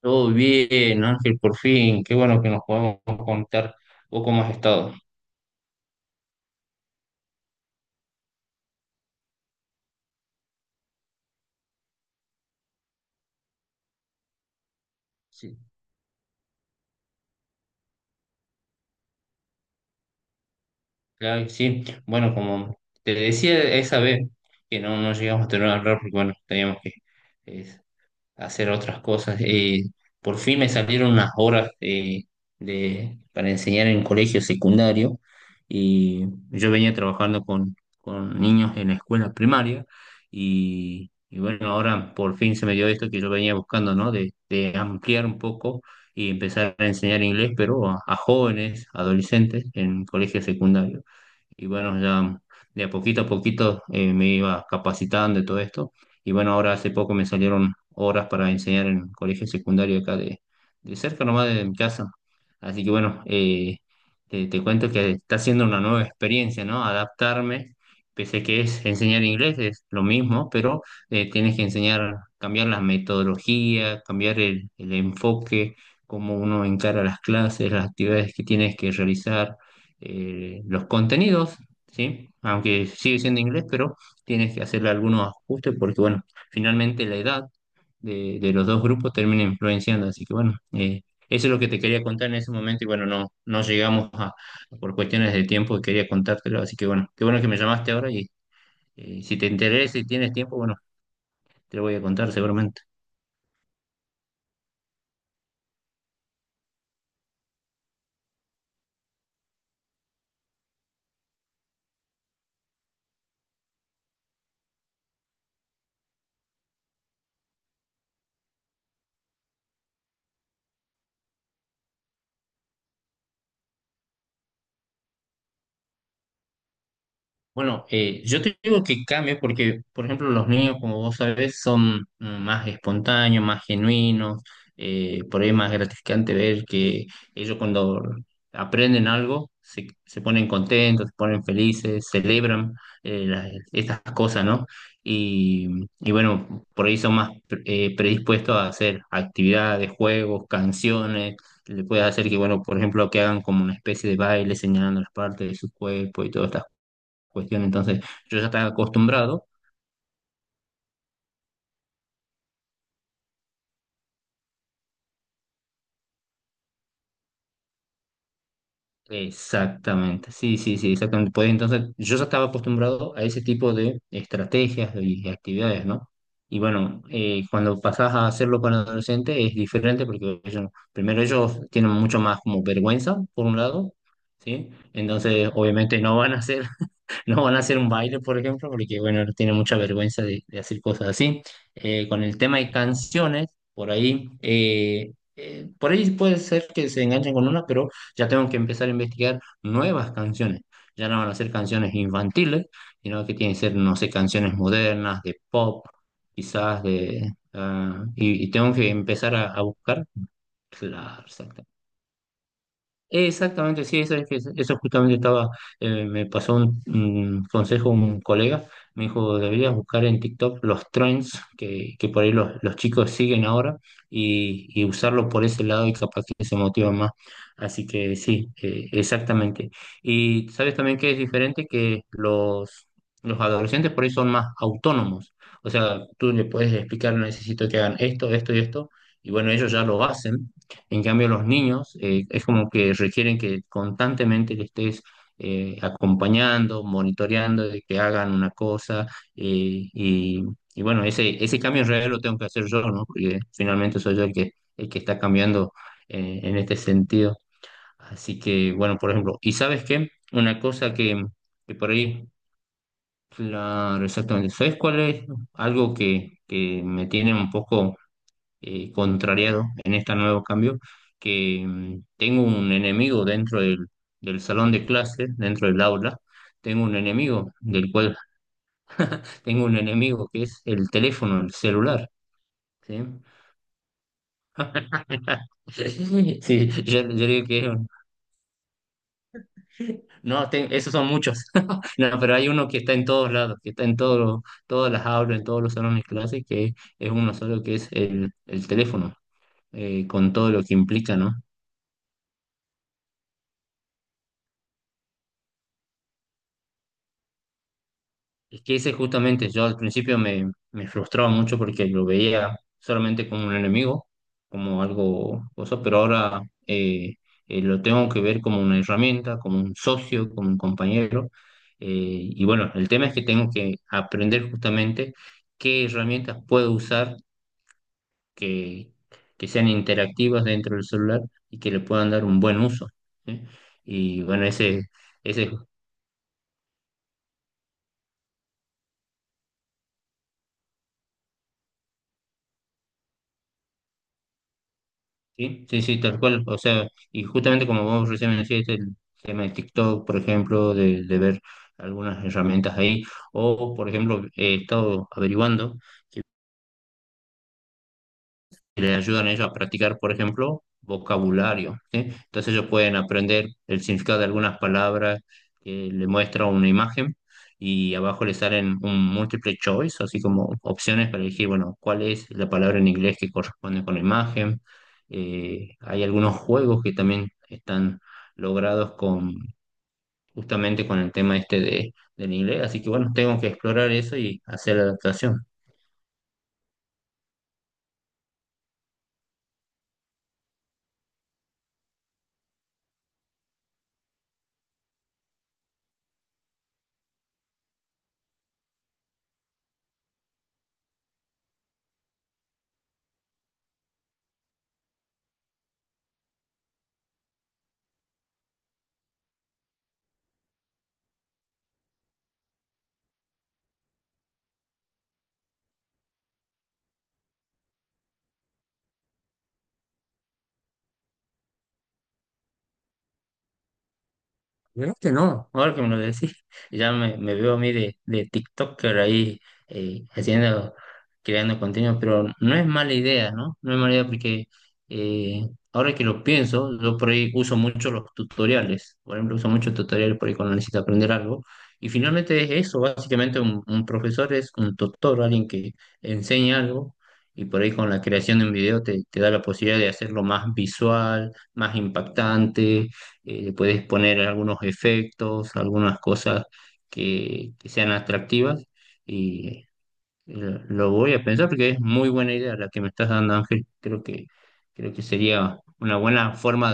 Todo bien, Ángel, por fin. Qué bueno que nos podemos contar un poco más estado. Sí, claro que sí. Bueno, como te decía esa vez que no llegamos a tener una reunión, porque bueno, teníamos que eh, hacer otras cosas. Por fin me salieron unas horas para enseñar en colegio secundario y yo venía trabajando con niños en la escuela primaria y bueno, ahora por fin se me dio esto que yo venía buscando, ¿no? De ampliar un poco y empezar a enseñar inglés, pero a jóvenes, adolescentes en colegio secundario. Y bueno, ya de a poquito me iba capacitando de todo esto y bueno, ahora hace poco me salieron horas para enseñar en colegio secundario acá de cerca nomás de mi casa. Así que bueno, te cuento que está siendo una nueva experiencia, ¿no? Adaptarme, pese a que es enseñar inglés, es lo mismo, pero tienes que enseñar, cambiar la metodología, cambiar el enfoque, cómo uno encara las clases, las actividades que tienes que realizar, los contenidos, ¿sí? Aunque sigue siendo inglés, pero tienes que hacerle algunos ajustes porque, bueno, finalmente la edad de los dos grupos termina influenciando. Así que, bueno, eso es lo que te quería contar en ese momento y, bueno, no llegamos a, por cuestiones de tiempo, quería contártelo. Así que, bueno, qué bueno que me llamaste ahora y si te interesa y tienes tiempo, bueno, te lo voy a contar seguramente. Bueno, yo te digo que cambie porque, por ejemplo, los niños, como vos sabés, son más espontáneos, más genuinos, por ahí es más gratificante ver que ellos cuando aprenden algo se ponen contentos, se ponen felices, celebran estas cosas, ¿no? Y, y bueno, por ahí son más predispuestos a hacer actividades, juegos, canciones. Le puedes hacer que, bueno, por ejemplo, que hagan como una especie de baile señalando las partes de su cuerpo y todo esto cuestión. Entonces, yo ya estaba acostumbrado. Exactamente, sí, sí, sí, exactamente. Pues entonces, yo ya estaba acostumbrado a ese tipo de estrategias y actividades, ¿no? Y bueno, cuando pasás a hacerlo con adolescentes es diferente porque ellos, primero ellos tienen mucho más como vergüenza, por un lado, ¿sí? Entonces, obviamente no van a hacer No van a hacer un baile, por ejemplo, porque, bueno, tiene mucha vergüenza de hacer cosas así. Con el tema de canciones, por ahí puede ser que se enganchen con una, pero ya tengo que empezar a investigar nuevas canciones. Ya no van a ser canciones infantiles, sino que tienen que ser, no sé, canciones modernas, de pop, quizás de... ah, y tengo que empezar a buscar. Claro, exactamente. Exactamente, sí, eso, eso justamente estaba, me pasó un consejo un colega, me dijo, deberías buscar en TikTok los trends que por ahí los chicos siguen ahora y usarlo por ese lado y capaz que se motivan más. Así que sí, exactamente. Y sabes también que es diferente que los adolescentes por ahí son más autónomos. O sea, tú le puedes explicar, necesito que hagan esto, esto y esto, y bueno, ellos ya lo hacen en cambio, los niños es como que requieren que constantemente le estés acompañando, monitoreando de que hagan una cosa eh, y, y bueno, ese cambio en realidad lo tengo que hacer yo, ¿no? Porque finalmente soy yo el que está cambiando en este sentido. Así que bueno, por ejemplo, ¿y sabes qué? Una cosa que por ahí, claro, exactamente, ¿sabes cuál es algo que me tiene un poco contrariado en este nuevo cambio, que tengo un enemigo dentro del salón de clases dentro del aula, tengo un enemigo del cual tengo un enemigo que es el teléfono, el celular, ¿sí? Sí, yo digo que no, esos son muchos, no, pero hay uno que está en todos lados, que está en todos, todas las aulas, en todos los salones de clase, que es uno solo, que es el teléfono, con todo lo que implica, ¿no? Es que ese justamente yo al principio me frustraba mucho porque lo veía solamente como un enemigo, como algo cosa, pero ahora lo tengo que ver como una herramienta, como un socio, como un compañero. Y bueno, el tema es que tengo que aprender justamente qué herramientas puedo usar que, que sean interactivas dentro del celular y que le puedan dar un buen uso, ¿sí? Y bueno, ese Sí, sí, sí, tal cual. O sea, y justamente como vos recién me decías, el tema de TikTok, por ejemplo, de ver algunas herramientas ahí, o por ejemplo, he estado averiguando que y les ayudan a ellos a practicar, por ejemplo, vocabulario, ¿sí? Entonces ellos pueden aprender el significado de algunas palabras que le muestra una imagen y abajo le salen un multiple choice, así como opciones para elegir, bueno, cuál es la palabra en inglés que corresponde con la imagen. Hay algunos juegos que también están logrados con justamente con el tema este del inglés, así que bueno, tengo que explorar eso y hacer la adaptación. Vieras que no, ahora que me lo decís, ya me veo a mí de TikToker ahí haciendo, creando contenido, pero no es mala idea, ¿no? No es mala idea porque eh, ahora que lo pienso, yo por ahí uso mucho los tutoriales, por ejemplo, uso muchos tutoriales por ahí cuando necesito aprender algo, y finalmente es eso, básicamente un profesor es un tutor, alguien que enseña algo, y por ahí con la creación de un video te da la posibilidad de hacerlo más visual, más impactante le puedes poner algunos efectos, algunas cosas que sean atractivas y eh, lo voy a pensar porque es muy buena idea la que me estás dando, Ángel. Creo que sería una buena forma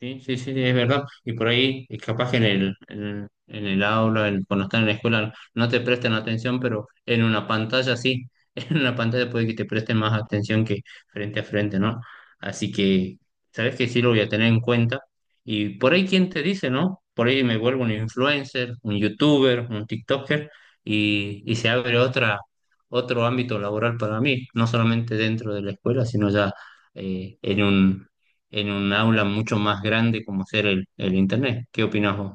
Sí, sí, sí, es verdad. Y por ahí, es capaz que en el aula, en- cuando están en la escuela, no te prestan atención, pero en una pantalla sí. En una pantalla puede que te presten más atención que frente a frente, ¿no? Así que, sabes que sí lo voy a tener en cuenta. Y por ahí, ¿quién te dice, no? Por ahí me vuelvo un influencer, un youtuber, un TikToker, y se abre otra, otro ámbito laboral para mí, no solamente dentro de la escuela, sino ya eh, en un aula mucho más grande como ser el Internet. ¿Qué opinas vos?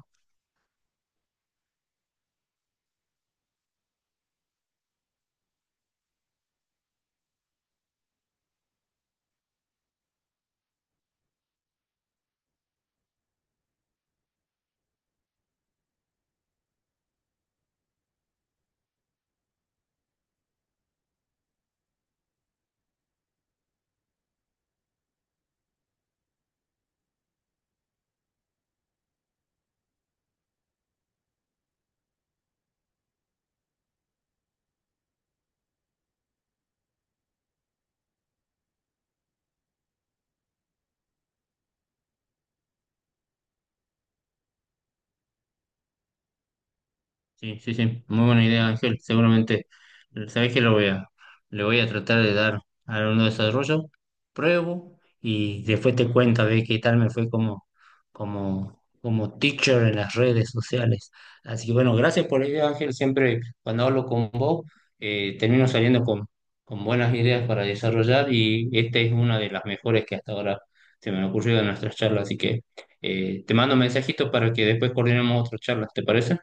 Sí, sí, sí, muy buena idea, Ángel. Seguramente, sabés que lo voy a, le voy a tratar de dar a uno desarrollo, pruebo y después te cuento a ver qué tal me fue como, como, como teacher en las redes sociales. Así que bueno, gracias por la idea, Ángel. Siempre cuando hablo con vos, termino saliendo con buenas ideas para desarrollar y esta es una de las mejores que hasta ahora se me han ocurrido en nuestras charlas. Así que te mando un mensajito para que después coordinemos otras charlas, ¿te parece?